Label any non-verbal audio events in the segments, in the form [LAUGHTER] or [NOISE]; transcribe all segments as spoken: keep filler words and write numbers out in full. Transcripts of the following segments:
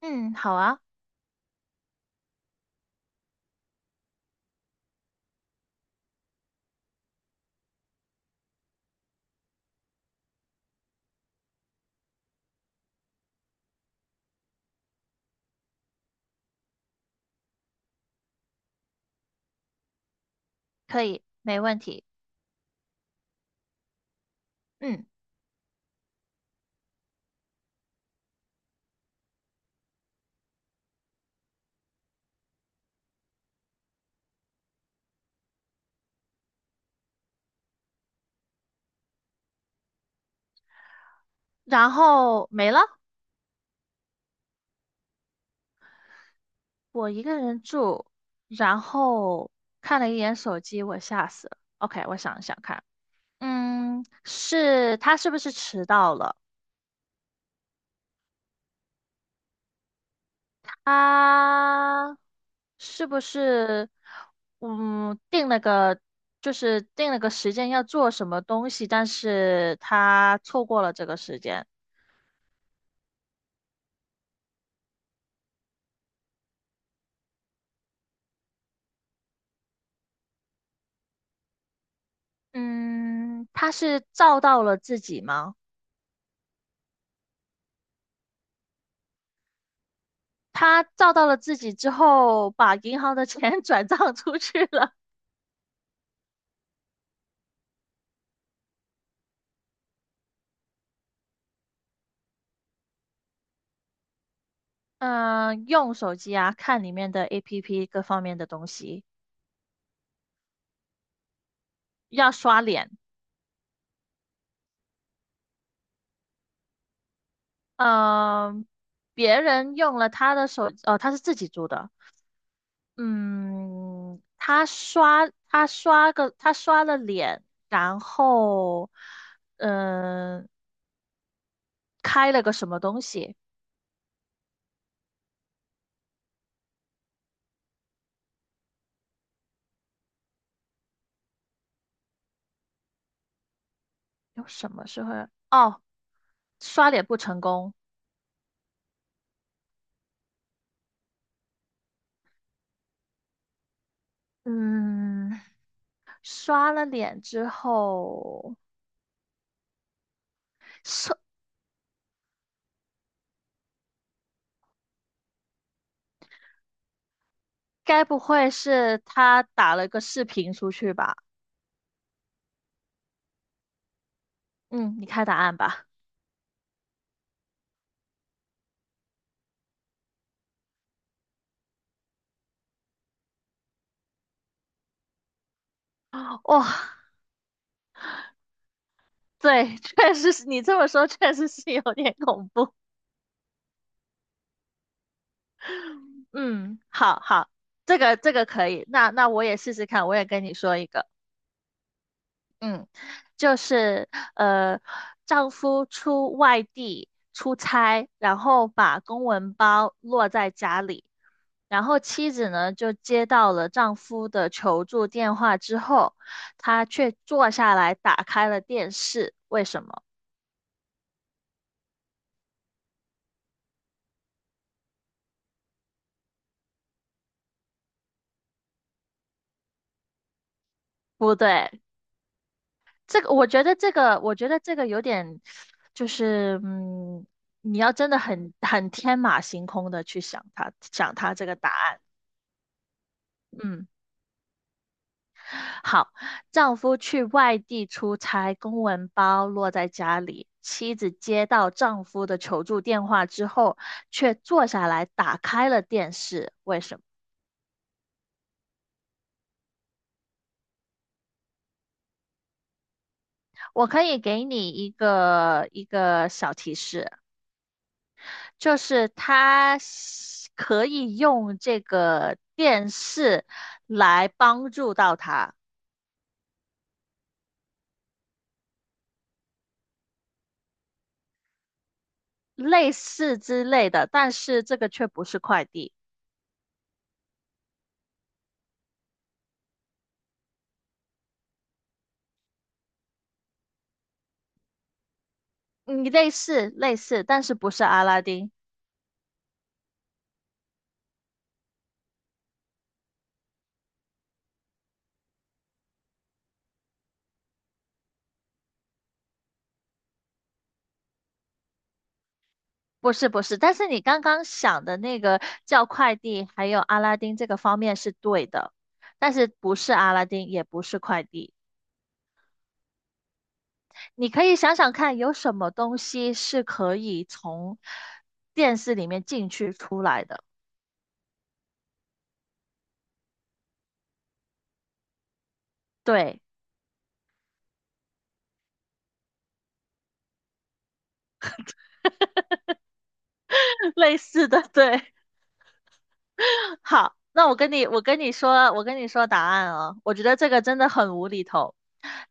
嗯，好啊，可以，没问题。嗯，然后没了，我一个人住，然后看了一眼手机，我吓死了。OK，我想一想看，嗯，是他是不是迟到了？他是不是嗯定了个就是定了个时间要做什么东西，但是他错过了这个时间。嗯，他是照到了自己吗？他照到了自己之后，把银行的钱 [LAUGHS] 转账出去了。嗯，用手机啊，看里面的 A P P 各方面的东西，要刷脸。嗯，别人用了他的手，哦，他是自己租的。嗯，他刷他刷个他刷了脸，然后嗯，开了个什么东西？有什么时候？哦，刷脸不成功。嗯。刷了脸之后，是该不会是他打了个视频出去吧？嗯，你看答案吧。哇、对，确实是你这么说，确实是有点恐怖。嗯，好好，这个这个可以。那那我也试试看，我也跟你说一个。嗯，就是呃，丈夫出外地出差，然后把公文包落在家里。然后妻子呢就接到了丈夫的求助电话之后，她却坐下来打开了电视。为什么？不对，这个我觉得这个我觉得这个有点，就是嗯，你要真的很很天马行空的去想他想他这个答案，嗯。好，丈夫去外地出差，公文包落在家里。妻子接到丈夫的求助电话之后，却坐下来打开了电视。为什么？我可以给你一个一个小提示，就是他可以用这个电视来帮助到他，类似之类的，但是这个却不是快递。你类似类似，但是不是阿拉丁。不是不是，但是你刚刚想的那个叫快递，还有阿拉丁这个方面是对的，但是不是阿拉丁，也不是快递。你可以想想看，有什么东西是可以从电视里面进去出来的？对，[LAUGHS] 类似的，对。[LAUGHS] 好，那我跟你，我跟你说，我跟你说答案哦。我觉得这个真的很无厘头，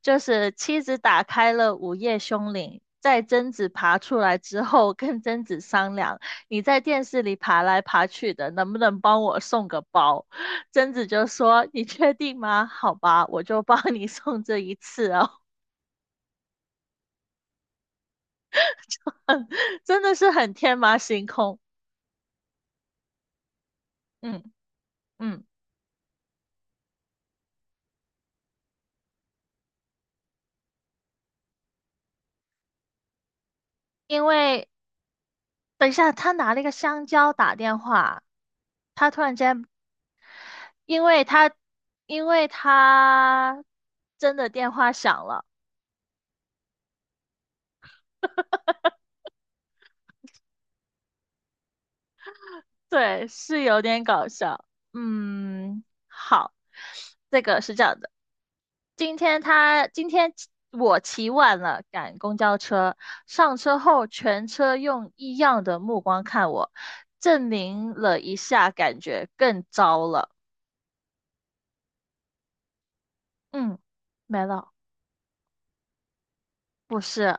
就是妻子打开了午夜凶铃，在贞子爬出来之后，跟贞子商量，你在电视里爬来爬去的，能不能帮我送个包？贞子就说：“你确定吗？好吧，我就帮你送这一次哦。[LAUGHS]”真的是很天马行空。嗯嗯，因为等一下，他拿了一个香蕉打电话，他突然间因为他，因为他真的电话响了，对，是有点搞笑。嗯，好，这个是这样的，今天他今天起我起晚了，赶公交车，上车后全车用异样的目光看我，证明了一下，感觉更糟了。嗯，没了，不是，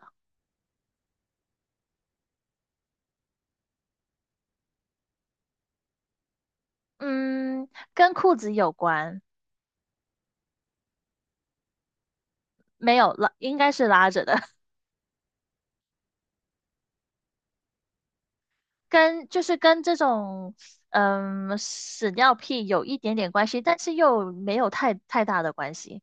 嗯，跟裤子有关，没有拉，应该是拉着的。跟就是跟这种嗯屎尿屁有一点点关系，但是又没有太太大的关系，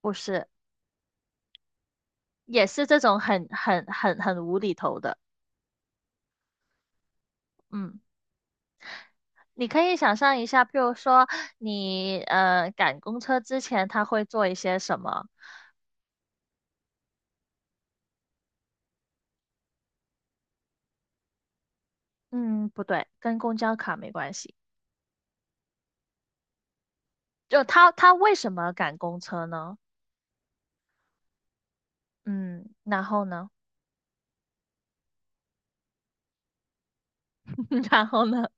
不是，也是这种很很很很无厘头的，嗯。你可以想象一下，譬如说你呃赶公车之前，他会做一些什么？嗯，不对，跟公交卡没关系。就他他为什么赶公车呢？嗯，然后呢？[LAUGHS] 然后呢？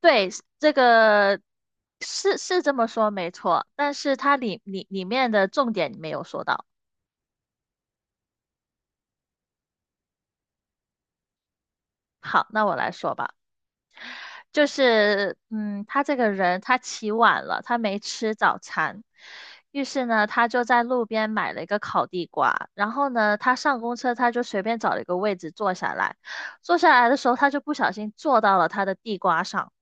对，这个是是这么说没错，但是它里里里面的重点你没有说到。好，那我来说吧，就是嗯，他这个人他起晚了，他没吃早餐，于是呢，他就在路边买了一个烤地瓜，然后呢，他上公车他就随便找了一个位置坐下来，坐下来的时候他就不小心坐到了他的地瓜上。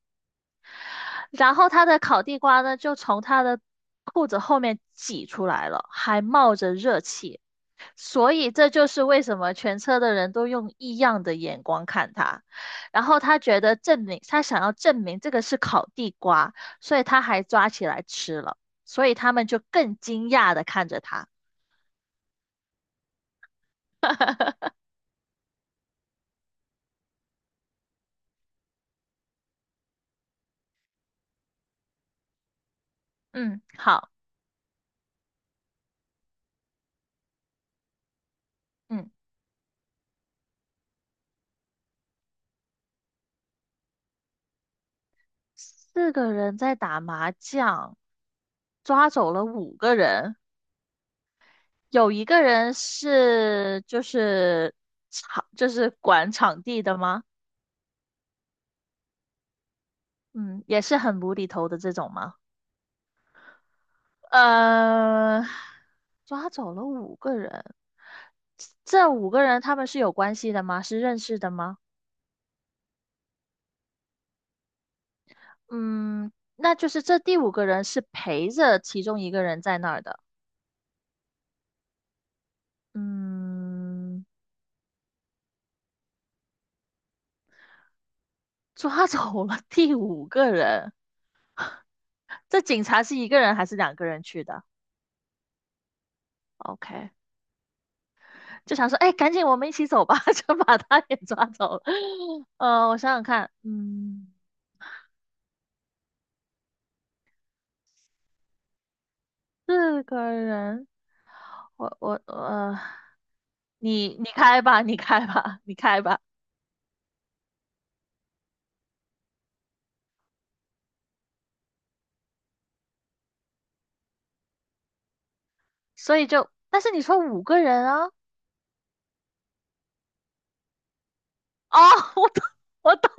然后他的烤地瓜呢，就从他的裤子后面挤出来了，还冒着热气，所以这就是为什么全车的人都用异样的眼光看他。然后他觉得证明，他想要证明这个是烤地瓜，所以他还抓起来吃了，所以他们就更惊讶的看着他。嗯，好，嗯，四个人在打麻将，抓走了五个人。有一个人是就是场就是管场地的吗？嗯，也是很无厘头的这种吗？呃，抓走了五个人，这五个人他们是有关系的吗？是认识的吗？嗯，那就是这第五个人是陪着其中一个人在那儿的。嗯，抓走了第五个人，这警察是一个人还是两个人去的？OK，就想说，哎，赶紧我们一起走吧，[LAUGHS] 就把他也抓走了。呃，我想想看，嗯，四个人，我我呃，你你开吧，你开吧，你开吧。所以就，但是你说五个人啊，哦，[LAUGHS] 我懂，我懂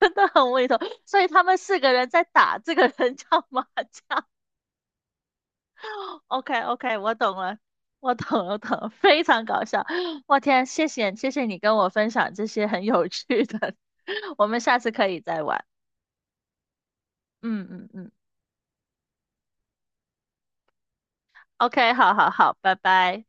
了，很胃头。所以他们四个人在打这个人叫麻将。o k o k 我懂了，我懂了，我懂了，非常搞笑。我天，谢谢谢谢你跟我分享这些很有趣的，[LAUGHS] 我们下次可以再玩。嗯嗯嗯，OK，好好好，拜拜。